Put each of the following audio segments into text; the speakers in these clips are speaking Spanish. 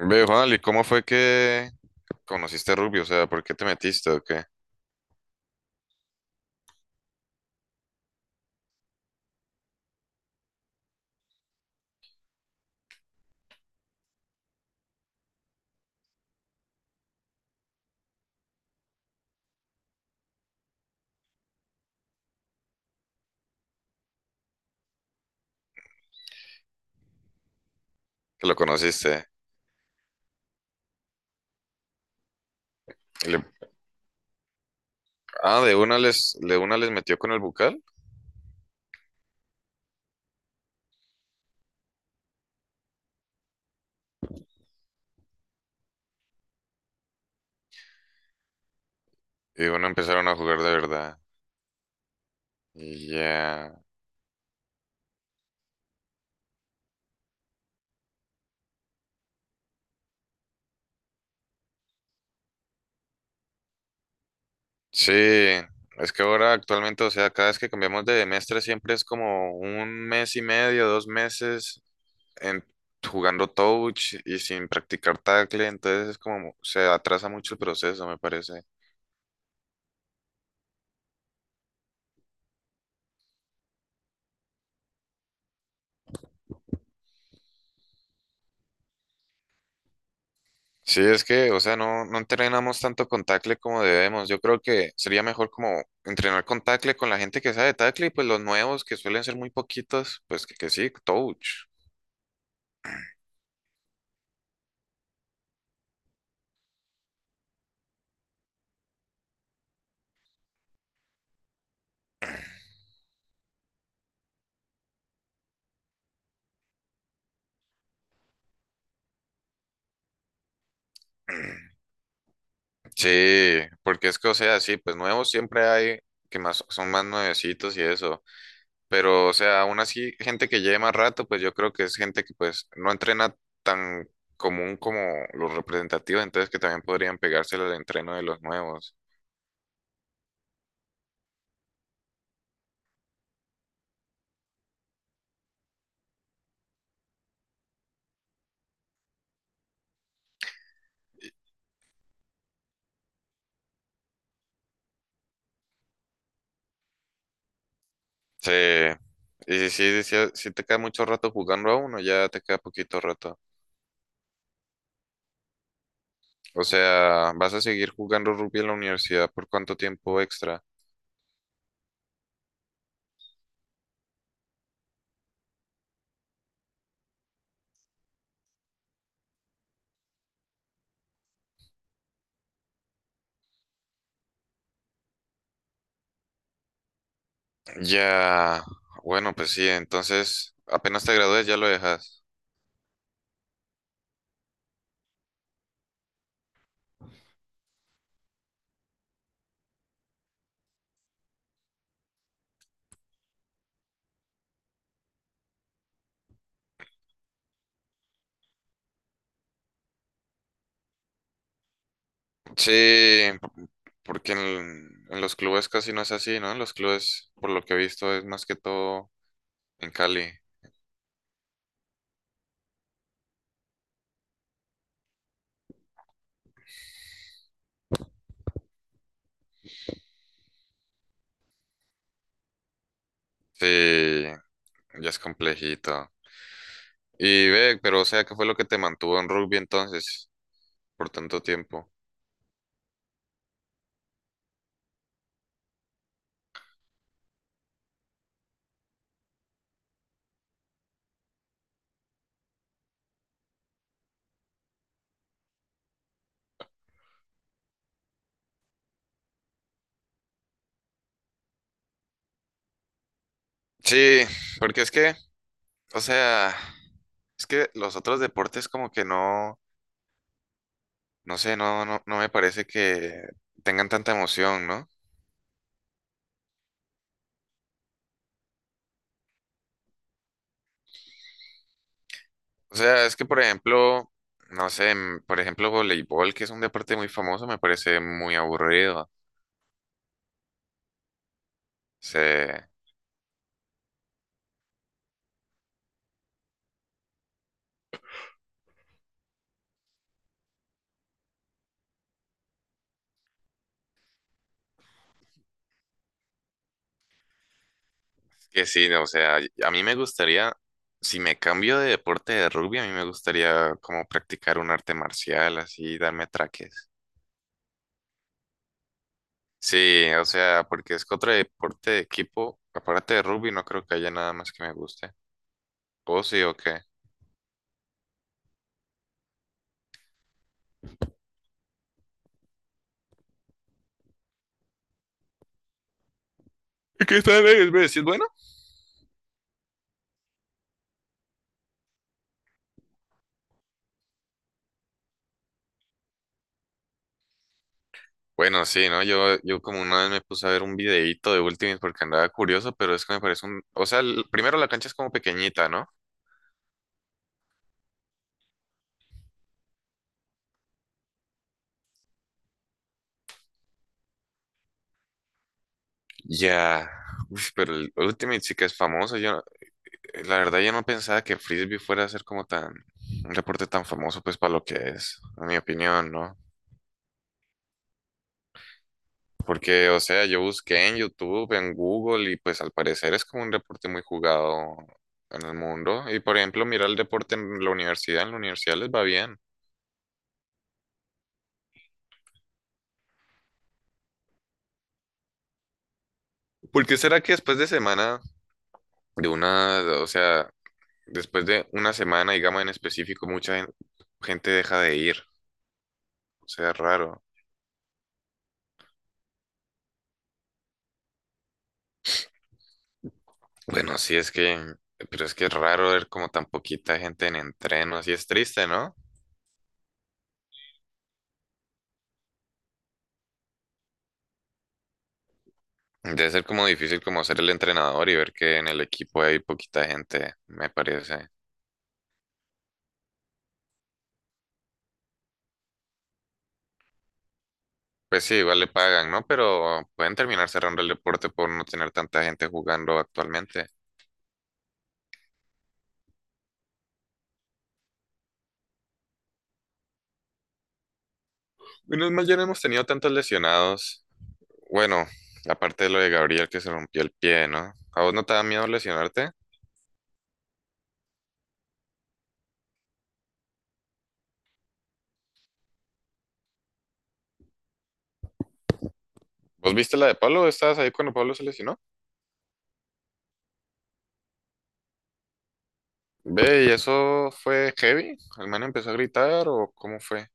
Ve, Juan, ¿y cómo fue que conociste a Rugby? O sea, ¿por qué te metiste o qué? Que lo conociste. Y le- Ah, de una les metió con el bucal y de una empezaron a jugar de verdad. Y ya. Sí, es que ahora actualmente, o sea, cada vez que cambiamos de mestre siempre es como un mes y medio, dos meses en, jugando touch y sin practicar tackle, entonces es como se atrasa mucho el proceso, me parece. Sí, es que, o sea, no entrenamos tanto con tackle como debemos. Yo creo que sería mejor como entrenar con tackle con la gente que sabe tackle y pues los nuevos que suelen ser muy poquitos, pues que sí, touch. Sí, porque es que, o sea, sí, pues nuevos siempre hay que más son más nuevecitos y eso. Pero, o sea, aún así, gente que lleve más rato, pues yo creo que es gente que pues no entrena tan común como los representativos, entonces que también podrían pegárselo al entreno de los nuevos. Sí, y si te queda mucho rato jugando a uno, ya te queda poquito rato. O sea, vas a seguir jugando rugby en la universidad por cuánto tiempo extra. Ya, bueno, pues sí, entonces apenas te gradúes ya lo dejas. Sí, p- porque en los clubes casi no es así, ¿no? En los clubes, por lo que he visto, es más que todo en Cali. Sí, ya es complejito. Y ve, pero o sea, ¿qué fue lo que te mantuvo en rugby entonces por tanto tiempo? Sí, porque es que, o sea, es que los otros deportes como que no sé, no me parece que tengan tanta emoción, ¿no? O sea, es que por ejemplo, no sé, por ejemplo, voleibol, que es un deporte muy famoso, me parece muy aburrido. Se- que sí, no, o sea, a mí me gustaría, si me cambio de deporte de rugby, a mí me gustaría como practicar un arte marcial, así, darme traques. Sí, o sea, porque es que otro deporte de equipo, aparte de rugby, no creo que haya nada más que me guste. ¿O sí o qué? ¿Y qué tal es? ¿Ves? ¿Sí, es bueno? Bueno, sí, ¿no? Yo como una vez me puse a ver un videíto de Ultimate porque andaba curioso, pero es que me parece un... O sea, primero la cancha es como pequeñita, ¿no? Ya, uf, pero el Ultimate sí que es famoso. Yo, la verdad, yo no pensaba que Frisbee fuera a ser como tan... Un reporte tan famoso, pues, para lo que es, en mi opinión, ¿no? Porque, o sea, yo busqué en YouTube, en Google, y pues al parecer es como un deporte muy jugado en el mundo. Y por ejemplo, mira el deporte en la universidad les va bien. ¿Por qué será que después de semana, de una, o sea, después de una semana, digamos en específico, mucha gente deja de ir? O sea, es raro. Bueno, sí es que, pero es que es raro ver como tan poquita gente en entreno, así es triste, ¿no? Debe ser como difícil como ser el entrenador y ver que en el equipo hay poquita gente, me parece. Pues sí, igual le pagan, ¿no? Pero pueden terminar cerrando el deporte por no tener tanta gente jugando actualmente. Menos mal ya no hemos tenido tantos lesionados. Bueno, aparte de lo de Gabriel que se rompió el pie, ¿no? ¿A vos no te da miedo lesionarte? ¿Vos viste la de Pablo? ¿Estabas ahí cuando Pablo se lesionó? Ve, ¿y eso fue heavy? ¿El man empezó a gritar o cómo fue?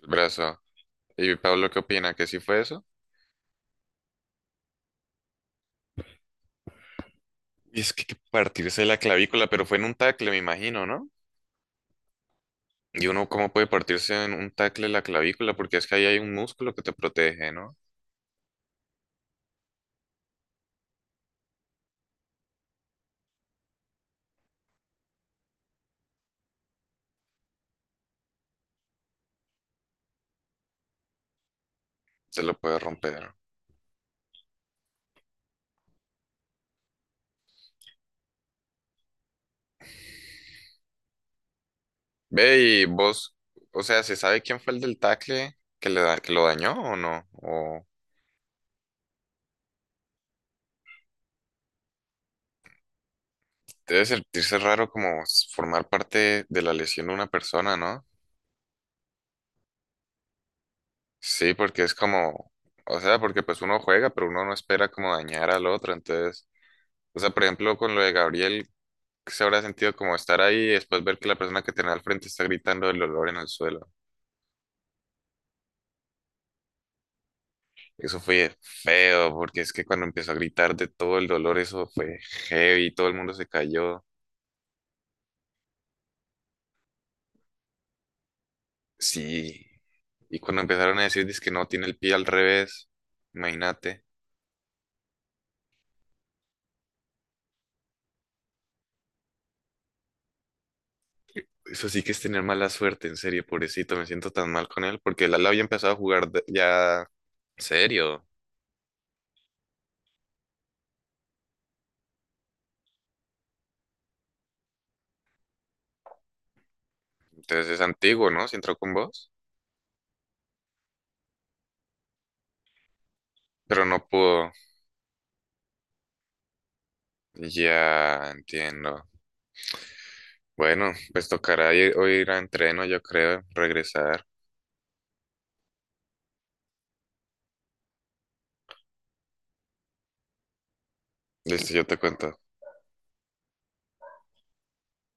El brazo. ¿Y Pablo qué opina? ¿Que sí fue eso? Y es que partirse la clavícula, pero fue en un tackle, me imagino, ¿no? Y uno cómo puede partirse en un tackle la clavícula, porque es que ahí hay un músculo que te protege, ¿no? Se lo puede romper. Ve y vos, o sea, ¿se sabe quién fue el del tackle que que lo dañó o no? O debe sentirse raro como formar parte de la lesión de una persona, ¿no? Sí, porque es como, o sea, porque pues uno juega, pero uno no espera como dañar al otro, entonces, o sea, por ejemplo, con lo de Gabriel, se habrá sentido como estar ahí y después ver que la persona que tenía al frente está gritando el dolor en el suelo. Eso fue feo, porque es que cuando empezó a gritar de todo el dolor, eso fue heavy, todo el mundo se cayó. Sí. Y cuando empezaron a decir, que no, tiene el pie al revés, imagínate. Eso sí que es tener mala suerte, en serio, pobrecito, me siento tan mal con él, porque él había empezado a jugar ya serio. Entonces es antiguo, ¿no? Si entró con vos, pero no pudo. Ya entiendo. Bueno, pues tocará ir, o ir a entreno, yo creo, regresar. Listo, yo te cuento.